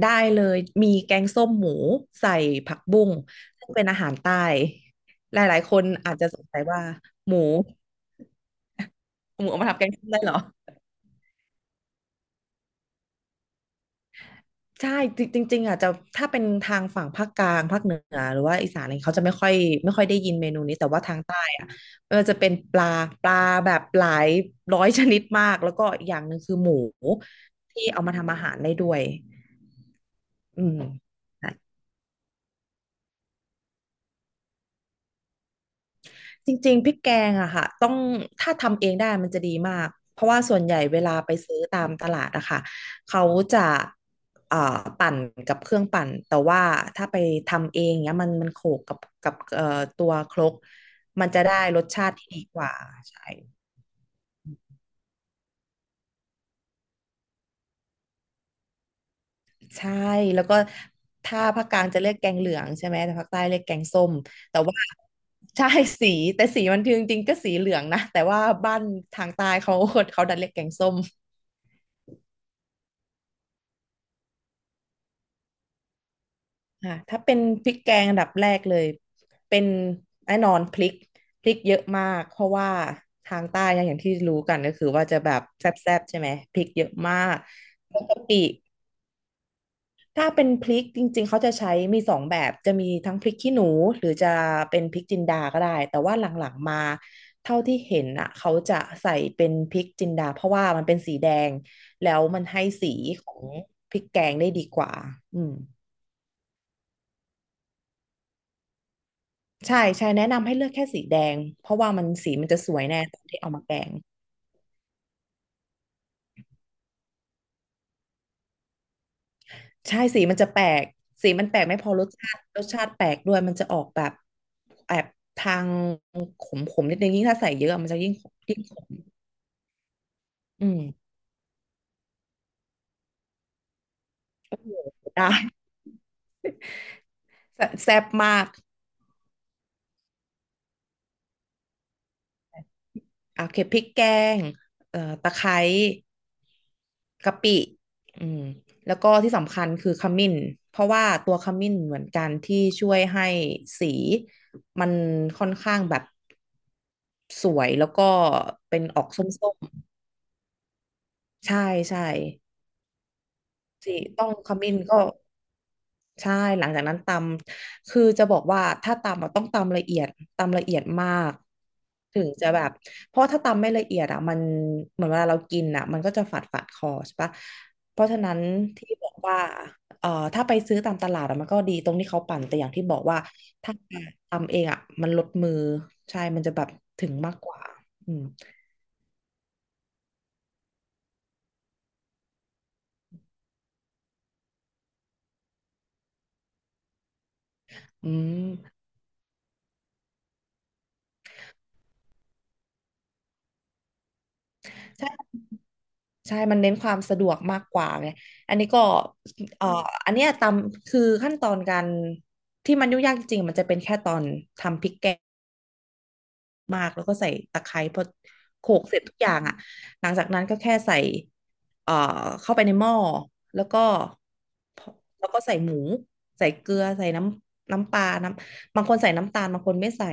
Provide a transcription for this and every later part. ได้เลยมีแกงส้มหมูใส่ผักบุ้งซึ่งเป็นอาหารใต้หลายๆคนอาจจะสงสัยว่าหมูหมูเอามาทำแกงส้มได้เหรอใช่จริงจริงๆอ่ะจะถ้าเป็นทางฝั่งภาคกลางภาคเหนือหรือว่าอีสานอะไรเขาจะไม่ค่อยได้ยินเมนูนี้แต่ว่าทางใต้อ่ะมันจะเป็นปลาแบบหลายร้อยชนิดมากแล้วก็อีกอย่างหนึ่งคือหมูที่เอามาทำอาหารได้ด้วยอืม จริงๆพริกแกงอะค่ะต้องถ้าทำเองได้มันจะดีมากเพราะว่าส่วนใหญ่เวลาไปซื้อตามตลาดอะค่ะเขาจะเอ่อปั่นกับเครื่องปั่นแต่ว่าถ้าไปทำเองเนี้ยมันโขลกกับตัวครกมันจะได้รสชาติที่ดีกว่าใช่ใช่แล้วก็ถ้าภาคกลางจะเรียกแกงเหลืองใช่ไหมแต่ภาคใต้เรียกแกงส้มแต่ว่าใช่สีแต่สีมันจริงๆก็สีเหลืองนะแต่ว่าบ้านทางใต้เขาดันเรียกแกงส้ม ค่ะถ้าเป็นพริกแกงอันดับแรกเลยเป็นแน่นอนพริกเยอะมากเพราะว่าทางใต้เนี่ยอย่างที่รู้กันก็คือว่าจะแบบแซ่บๆใช่ไหมพริกเยอะมากปกติถ้าเป็นพริกจริงๆเขาจะใช้มีสองแบบจะมีทั้งพริกขี้หนูหรือจะเป็นพริกจินดาก็ได้แต่ว่าหลังๆมาเท่าที่เห็นอ่ะเขาจะใส่เป็นพริกจินดาเพราะว่ามันเป็นสีแดงแล้วมันให้สีของพริกแกงได้ดีกว่าอืม ใช่ใช่แนะนำให้เลือกแค่สีแดงเพราะว่ามันสีมันจะสวยแน่ตอนที่เอามาแกงใช่สีมันจะแปลกสีมันแปลกไม่พอรสชาติแปลกด้วยมันจะออกแบบแอบทางขมนิดนึงยิ่งถ้าใส่เยอะมันจะยิ่งขมอืมได้แซ่บแซ่บมากอ่ะโอเก็บพริกแกงตะไคร้กะปิอืมแล้วก็ที่สำคัญคือขมิ้นเพราะว่าตัวขมิ้นเหมือนกันที่ช่วยให้สีมันค่อนข้างแบบ สวยแล้วก็เป็นออกส้มๆใช่ใช่สิต้องขมิ้นก็ใช่หลังจากนั้นตำคือจะบอกว่าถ้าตำอะต้องตำละเอียดตำละเอียดมากถึงจะแบบเพราะถ้าตำไม่ละเอียดอ่ะมันเหมือนเวลาเรากินอ่ะมันก็จะฝาดคอใช่ปะเพราะฉะนั้นที่บอกว่าเอ่อถ้าไปซื้อตามตลาดอะมันก็ดีตรงที่เขาปั่นแต่อย่างที่บอกว่าถ้าทำเองอ่ะมันลดมือใช่มันจะแบบถึงมากกว่าอืมอืมใช่ ใช่มันเน้นความสะดวกมากกว่าไงอันนี้ก็เอ่ออันเนี้ยตำคือขั้นตอนการที่มันยุ่งยากจริงๆมันจะเป็นแค่ตอนทำพริกแกงมากแล้วก็ใส่ตะไคร้พอโขลกเสร็จทุกอย่างอ่ะ หลังจากนั้นก็แค่ใส่เอ่อเข้าไปในหม้อแล้วก็ แล้วก็ใส่หมูใส่เกลือใส่น้ำปลาบางคนใส่น้ำตาลบางคนไม่ใส่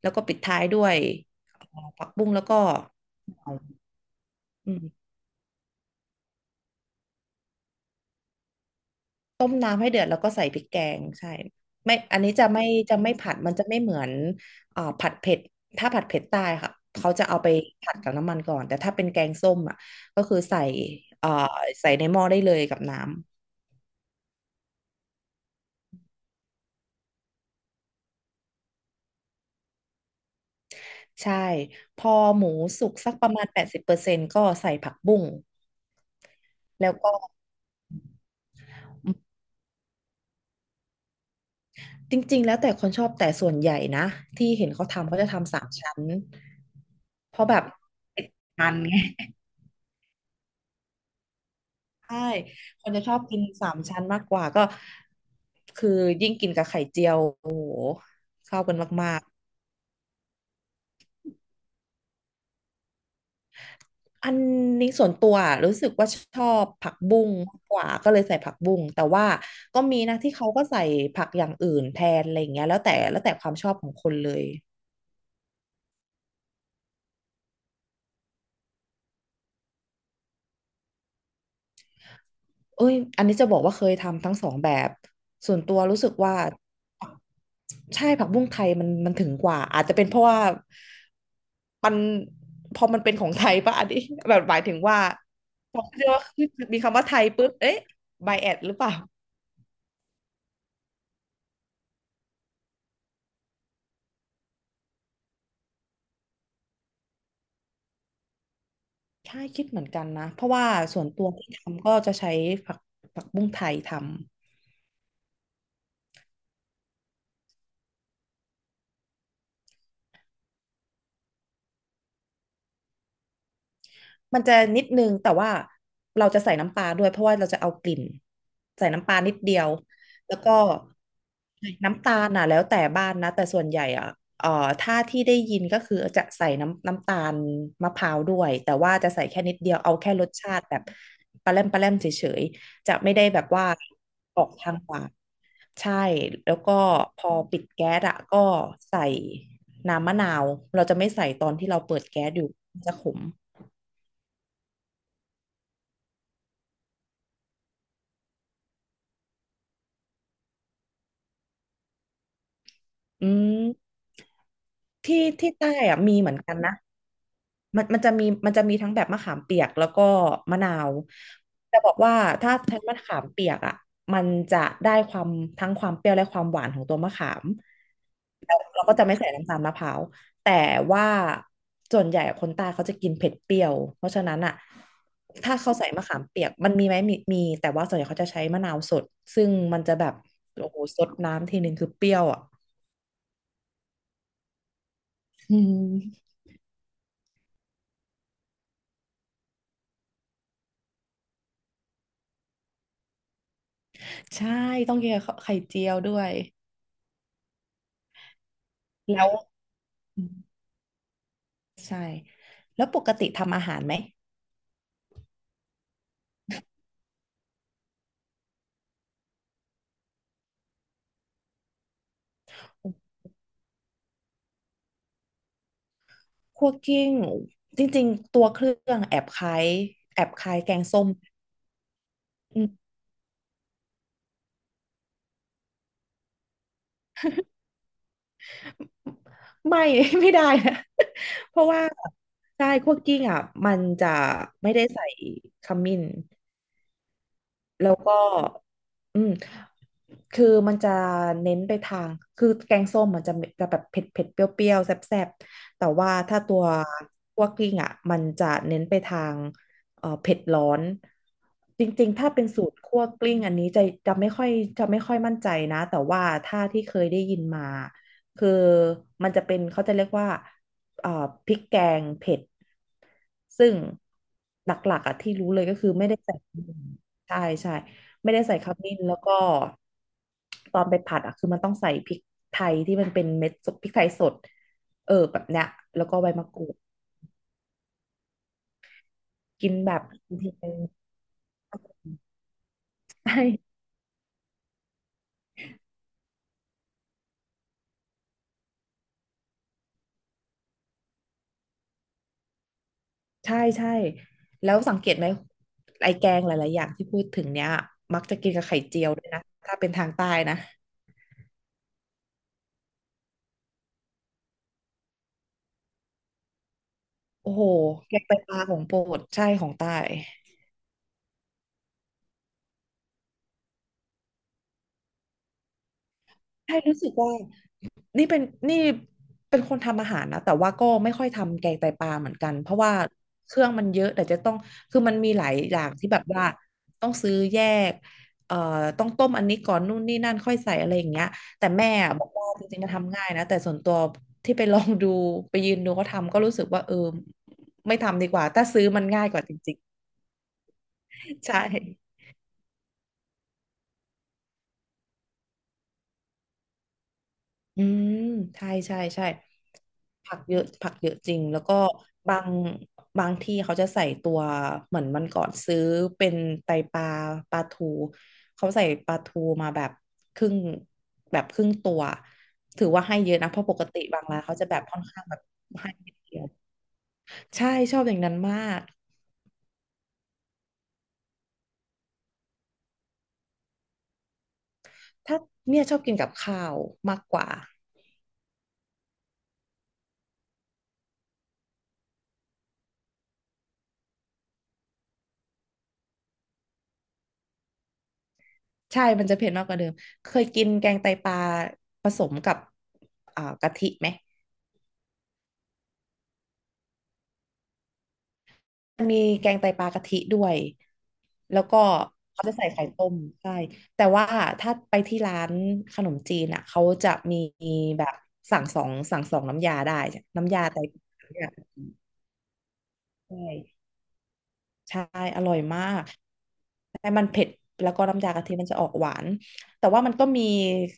แล้วก็ปิดท้ายด้วยผักบุ้งแล้วก็อืม ต้มน้ำให้เดือดแล้วก็ใส่พริกแกงใช่ไม่อันนี้จะไม่ผัดมันจะไม่เหมือนอ่าผัดเผ็ดถ้าผัดเผ็ดใต้ค่ะเขาจะเอาไปผัดกับน้ำมันก่อนแต่ถ้าเป็นแกงส้มอ่ะก็คือใส่อ่าใส่ในหม้อได้เลยกับน้ำใช่พอหมูสุกสักประมาณ80%ก็ใส่ผักบุ้งแล้วก็อืมจริงๆแล้วแต่คนชอบแต่ส่วนใหญ่นะที่เห็นเขาทำเขาจะทำสามชั้นเพราะแบบมันไง ใช่ คนจะชอบกินสามชั้นมากกว่าก็คือยิ่งกินกับไข่เจียวโอ้โหเข้ากันมากๆอันนี้ส่วนตัวรู้สึกว่าชอบผักบุ้งมากกว่าก็เลยใส่ผักบุ้งแต่ว่าก็มีนะที่เขาก็ใส่ผักอย่างอื่นแทนอะไรอย่างเงี้ยแล้วแต่แล้วแต่ความชอบของคนเลย เอ้ยอันนี้จะบอกว่าเคยทำทั้งสองแบบส่วนตัวรู้สึกว่าใช่ผักบุ้งไทยมันถึงกว่าอาจจะเป็นเพราะว่ามันพอมันเป็นของไทยป่ะอันนี้แบบหมายถึงว่าพอเรียกว่าขึ้นมีคำว่าไทยปุ๊บเอ๊ะไบแอดหรือเปล่าใช่คิดเหมือนกันนะเพราะว่าส่วนตัวที่ทำก็จะใช้ผักผักบุ้งไทยทำ มันจะนิดนึงแต่ว่าเราจะใส่น้ำปลาด้วยเพราะว่าเราจะเอากลิ่นใส่น้ำปลานิดเดียวแล้วก็น้ำตาลน่ะแล้วแต่บ้านนะแต่ส่วนใหญ่อ่ะเอ่อถ้าที่ได้ยินก็คือจะใส่น้ำตาลมะพร้าวด้วยแต่ว่าจะใส่แค่นิดเดียวเอาแค่รสชาติแบบปลาแรมเฉยๆจะไม่ได้แบบว่าออกทางหวานใช่แล้วก็พอปิดแก๊สอ่ะก็ใส่น้ำมะนาวเราจะไม่ใส่ตอนที่เราเปิดแก๊สอยู่มันจะขมอืม ที่ที่ใต้อะมีเหมือนกันนะมันจะมีมันจะมีทั้งแบบมะขามเปียกแล้วก็มะนาวจะบอกว่าถ้าใช้มะขามเปียกอ่ะมันจะได้ความทั้งความเปรี้ยวและความหวานของตัวมะขามแล้วเราก็จะไม่ใส่น้ำตาลมะพร้าวแต่ว่าส่วนใหญ่คนใต้เขาจะกินเผ็ดเปรี้ยวเพราะฉะนั้นอ่ะถ้าเขาใส่มะขามเปียกมันมีไหมมีมีแต่ว่าส่วนใหญ่เขาจะใช้มะนาวสดซึ่งมันจะแบบโอ้โหสดน้ำทีนึงคือเปรี้ยวอ่ะอืม ใช่ ต้องกินกับข้าวไข่เจียวด้วย แล้วอืมใช่ แล้วปกติทำอาหารไหมคั่วกิ้ง จริงๆ ตัวเครื่องแอบคล้ายแอบคล้ายแกงส้มอืมไม่ ไม่ได้นะ เพราะว่าใช่คั่วกิ้งอ่ะมันจะไม่ได้ใส่ขมิ้น แล้วก็อืมคือมันจะเน้นไปทางคือแกงส้มมันจะจะแบบเผ็ดเผ็ดเปรี้ยวๆแซ่บๆแต่ว่าถ้าตัวคั่วกลิ้งอ่ะมันจะเน้นไปทางเผ็ดร้อนจริงๆถ้าเป็นสูตรคั่วกลิ้งอันนี้จะจะไม่ค่อยจะไม่ค่อยมั่นใจนะแต่ว่าถ้าที่เคยได้ยินมาคือมันจะเป็นเขาจะเรียกว่าเอ่อพริกแกงเผ็ดซึ่งหลักๆอ่ะที่รู้เลยก็คือไม่ได้ใส่ ใช่ใช่ไม่ได้ใส่ขมิ้นแล้วก็ตอนไปผัดอ่ะคือมันต้องใส่พริกไทยที่มันเป็นเม็ดสดพริกไทยสดเออแบบเนี้ยแล้วก็ใบมะกรูดกินแบบทีนึงใช่ใช่ใช่แล้วสังเกตไหมไอแกงหลายๆอย่างที่พูดถึงเนี้ยมักจะกินกับไข่เจียวด้วยนะถ้าเป็นทางใต้นะโอ้โหแกงไตปลาของโปรดใช่ของใต้ใช่รู้สึกว่า นี่เป็นนี่เป็นคนทำอาหารนะแต่ว่าก็ไม่ค่อยทำแกงไตปลาเหมือนกันเพราะว่าเครื่องมันเยอะแต่จะต้องคือมันมีหลายอย่างที่แบบว่าต้องซื้อแยกเอ่อต้องต้มอันนี้ก่อนนู่นนี่นั่นค่อยใส่อะไรอย่างเงี้ยแต่แม่บอกว่าจริงๆมันทำง่ายนะแต่ส่วนตัวที่ไปลองดูไปยืนดูเขาทำก็รู้สึกว่าเออไม่ทำดีกว่าถ้าซื้อมันง่ายกว่าจริงๆใช่ อืมใช่ใช่ใช่ผักเยอะผักเยอะจริงแล้วก็บางบางที่เขาจะใส่ตัวเหมือนมันก่อนซื้อเป็นไตปลาปลาทูเขาใส่ปลาทูมาแบบครึ่งแบบครึ่งตัวถือว่าให้เยอะนะเพราะปกติบางร้านเขาจะแบบค่อนข้างแบบให้นิดเดียวใช่ชอบอย่างนั้นมากถ้าเนี่ยชอบกินกับข้าวมากกว่าใช่มันจะเผ็ดมากกว่าเดิมเคยกินแกงไตปลาผสมกับอ่ากะทิไหม มันมีแกงไตปลากะทิด้วย แล้วก็เขาจะใส่ไข่ต้มใช่แต่ว่าถ้าไปที่ร้านขนมจีนอ่ะเขาจะมีแบบสั่งสองน้ำยาได้น้ำยาไตปลาเนี่ยใช่ใช่อร่อยมากแต่มันเผ็ดแล้วก็น้ำยากะทิมันจะออกหวานแต่ว่ามันก็มี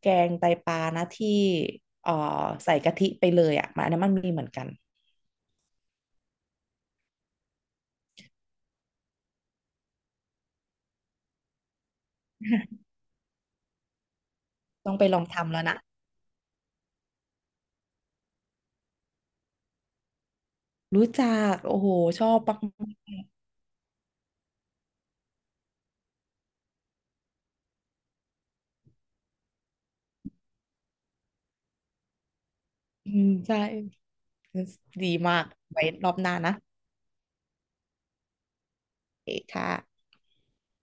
แกงไตปลานะที่เอ่อใส่กะทิไปเลยอ่ะมันอันนั้นมันมีเหมือนกัน ต้องไปลองทำแล้วนะรู้จักโอ้โหชอบปักอืมใช่ ดีมากไว้รอบหน้านะโอเคค่ะ